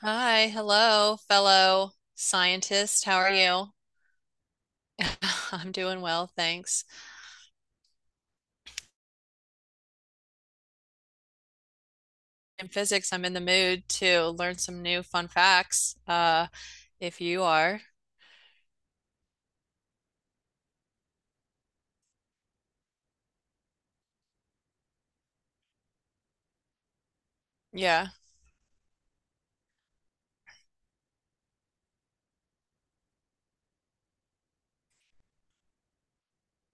Hi, hello, fellow scientist. How are you? I'm doing well, thanks. In physics, I'm in the mood to learn some new fun facts. If you are, yeah,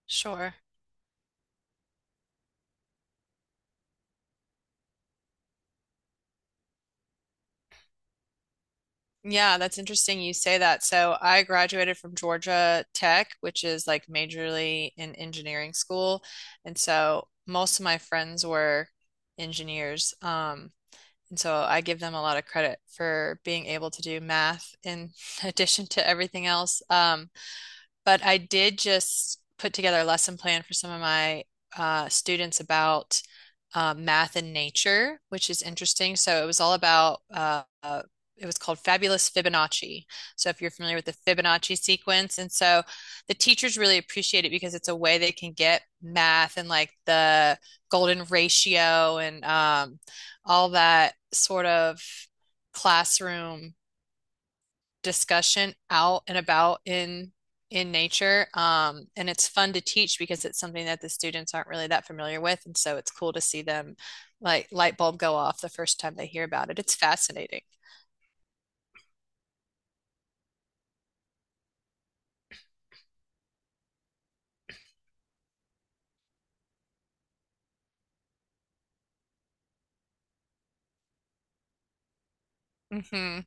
sure. Yeah, that's interesting you say that. So I graduated from Georgia Tech, which is like majorly in engineering school. And so most of my friends were engineers. And so I give them a lot of credit for being able to do math in addition to everything else. But I did just put together a lesson plan for some of my students about math and nature, which is interesting. So it was all about, it was called Fabulous Fibonacci. So if you're familiar with the Fibonacci sequence, and so the teachers really appreciate it because it's a way they can get math and like the golden ratio and all that sort of classroom discussion out and about in nature. And it's fun to teach because it's something that the students aren't really that familiar with. And so it's cool to see them like light bulb go off the first time they hear about it. It's fascinating. Hmm.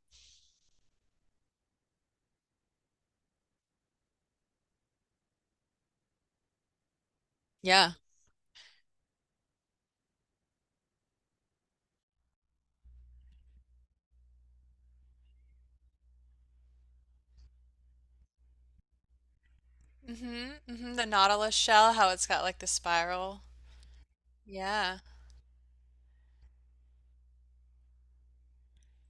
Yeah. Hmm, hmm. The nautilus shell, how it's got like the spiral. Yeah.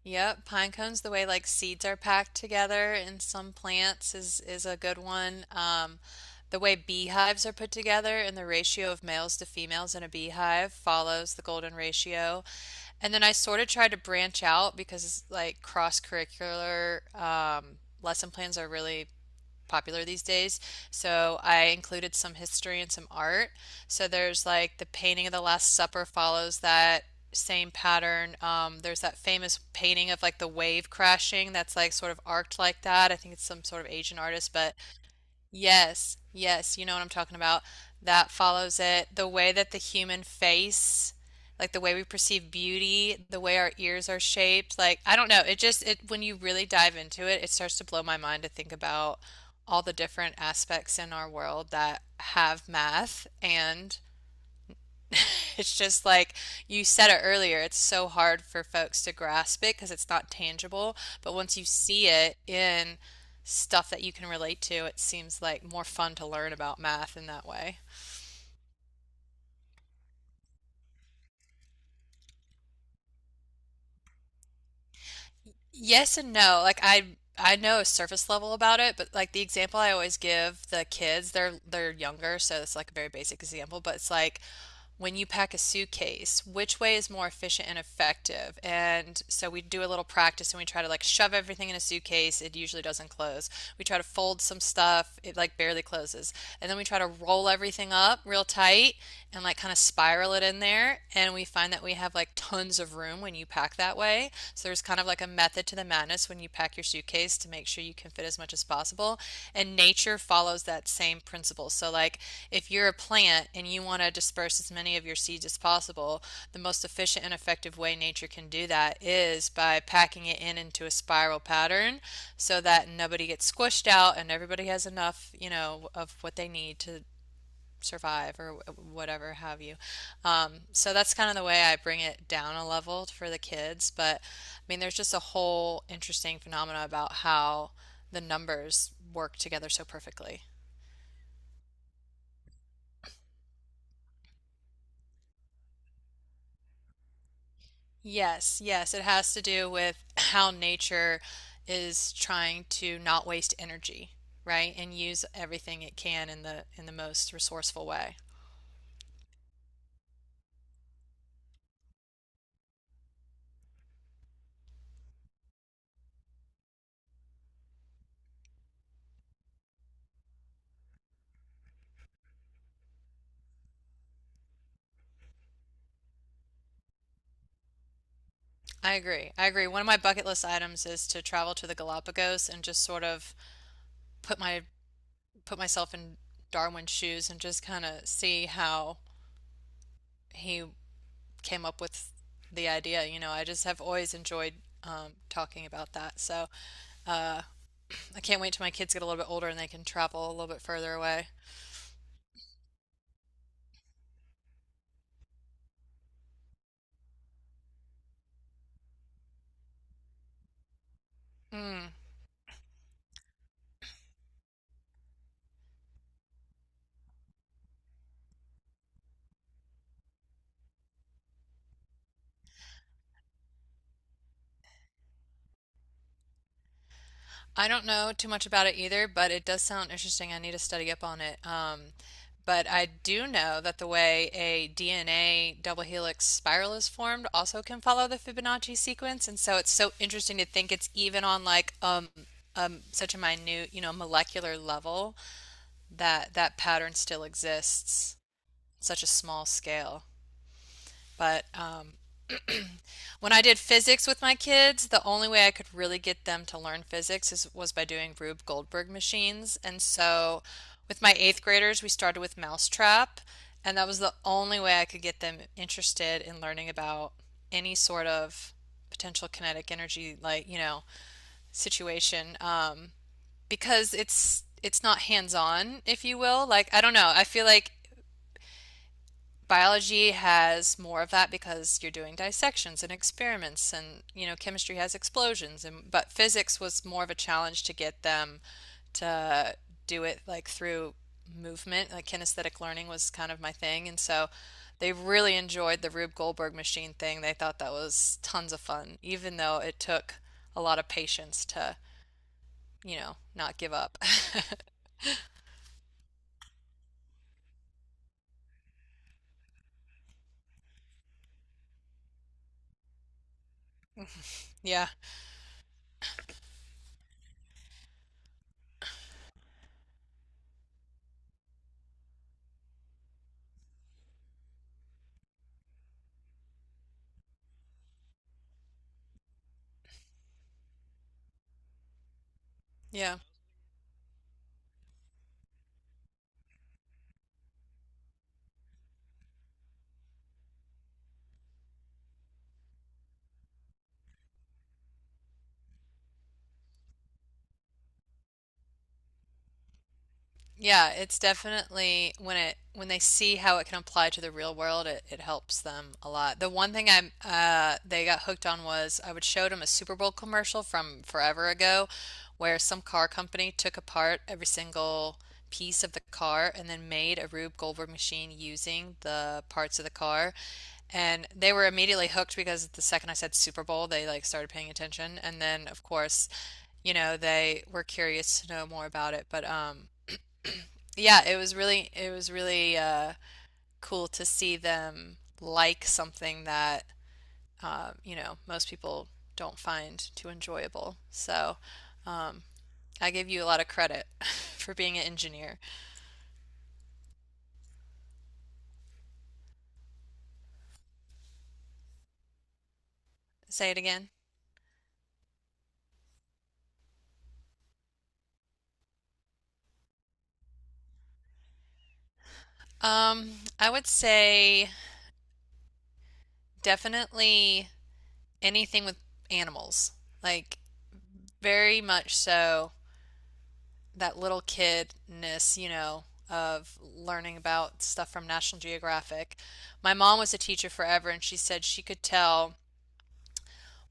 Yep, pine cones, the way like seeds are packed together in some plants is a good one. The way beehives are put together and the ratio of males to females in a beehive follows the golden ratio. And then I sort of tried to branch out because like cross-curricular lesson plans are really popular these days. So I included some history and some art. So there's like the painting of the Last Supper follows that same pattern. There's that famous painting of like the wave crashing that's like sort of arced like that. I think it's some sort of Asian artist, but yes, yes, you know what I'm talking about. That follows it. The way that the human face, like the way we perceive beauty, the way our ears are shaped, like I don't know, it just it when you really dive into it, it starts to blow my mind to think about all the different aspects in our world that have math and it's just like you said it earlier, it's so hard for folks to grasp it because it's not tangible. But once you see it in stuff that you can relate to, it seems like more fun to learn about math in that way. Yes and no. Like I know a surface level about it, but like the example I always give the kids, they're younger, so it's like a very basic example, but it's like when you pack a suitcase, which way is more efficient and effective? And so we do a little practice and we try to like shove everything in a suitcase. It usually doesn't close. We try to fold some stuff. It like barely closes. And then we try to roll everything up real tight and like kind of spiral it in there. And we find that we have like tons of room when you pack that way. So there's kind of like a method to the madness when you pack your suitcase to make sure you can fit as much as possible. And nature follows that same principle. So, like, if you're a plant and you want to disperse as many of your seeds as possible, the most efficient and effective way nature can do that is by packing it in into a spiral pattern so that nobody gets squished out and everybody has enough, you know, of what they need to survive or whatever have you. So that's kind of the way I bring it down a level for the kids. But I mean, there's just a whole interesting phenomena about how the numbers work together so perfectly. Yes, yes, it has to do with how nature is trying to not waste energy, right? And use everything it can in the most resourceful way. I agree. I agree. One of my bucket list items is to travel to the Galapagos and just sort of put my put myself in Darwin's shoes and just kind of see how he came up with the idea. You know, I just have always enjoyed talking about that. So I can't wait till my kids get a little bit older and they can travel a little bit further away. Mm. I don't know too much about it either, but it does sound interesting. I need to study up on it. But I do know that the way a DNA double helix spiral is formed also can follow the Fibonacci sequence, and so it's so interesting to think it's even on like such a minute, you know, molecular level that that pattern still exists, such a small scale. But when I did physics with my kids, the only way I could really get them to learn physics was by doing Rube Goldberg machines. And so with my eighth graders, we started with Mousetrap, and that was the only way I could get them interested in learning about any sort of potential kinetic energy, like, you know, situation. Because it's not hands-on, if you will. Like, I don't know. I feel like biology has more of that because you're doing dissections and experiments and you know chemistry has explosions and but physics was more of a challenge to get them to do it like through movement like kinesthetic learning was kind of my thing and so they really enjoyed the Rube Goldberg machine thing they thought that was tons of fun even though it took a lot of patience to you know not give up. Yeah, yeah. Yeah, it's definitely when it when they see how it can apply to the real world, it helps them a lot. The one thing I they got hooked on was I would show them a Super Bowl commercial from forever ago, where some car company took apart every single piece of the car and then made a Rube Goldberg machine using the parts of the car. And they were immediately hooked because the second I said Super Bowl, they like started paying attention. And then, of course, you know, they were curious to know more about it. But yeah, it was really cool to see them like something that you know most people don't find too enjoyable. So um, I give you a lot of credit for being an engineer. Say it again. Um, I would say definitely anything with animals, like very much so that little kidness, you know, of learning about stuff from National Geographic. My mom was a teacher forever, and she said she could tell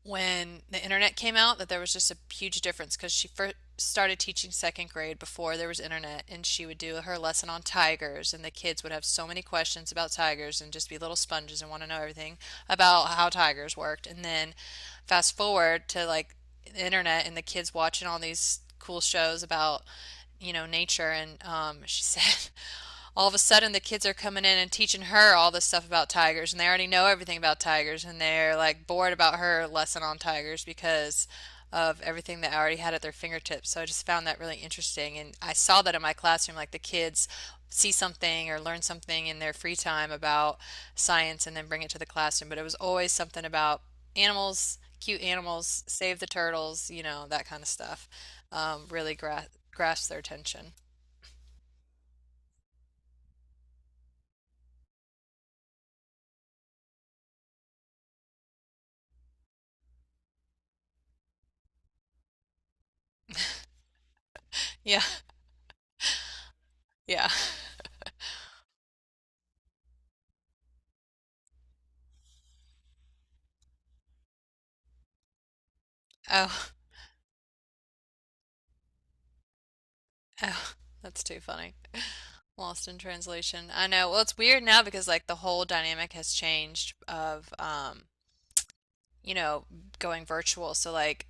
when the internet came out that there was just a huge difference because she first started teaching second grade before there was internet and she would do her lesson on tigers and the kids would have so many questions about tigers and just be little sponges and want to know everything about how tigers worked and then fast forward to like the internet and the kids watching all these cool shows about you know nature and she said all of a sudden the kids are coming in and teaching her all this stuff about tigers and they already know everything about tigers and they're like bored about her lesson on tigers because of everything that I already had at their fingertips. So I just found that really interesting and I saw that in my classroom like the kids see something or learn something in their free time about science and then bring it to the classroom, but it was always something about animals, cute animals, save the turtles, you know, that kind of stuff. Really gra grasped their attention. Yeah. Yeah. Oh. Oh, that's too funny. Lost in translation. I know. Well, it's weird now because like the whole dynamic has changed of you know, going virtual. So like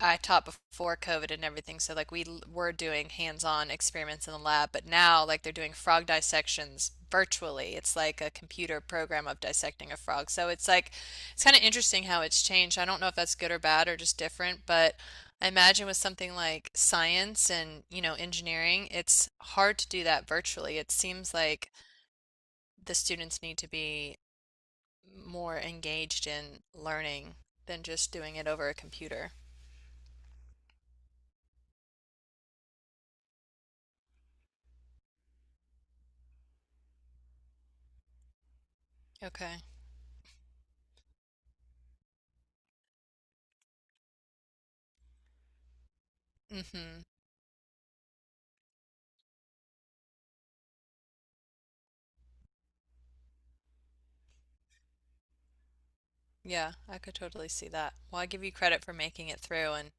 I taught before COVID and everything, so like we l- were doing hands-on experiments in the lab, but now like they're doing frog dissections virtually. It's like a computer program of dissecting a frog. So it's like it's kind of interesting how it's changed. I don't know if that's good or bad or just different, but I imagine with something like science and, you know, engineering, it's hard to do that virtually. It seems like the students need to be more engaged in learning than just doing it over a computer. Okay. Mm-hmm. Yeah, I could totally see that. Well, I give you credit for making it through and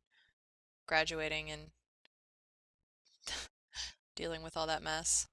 graduating and dealing with all that mess.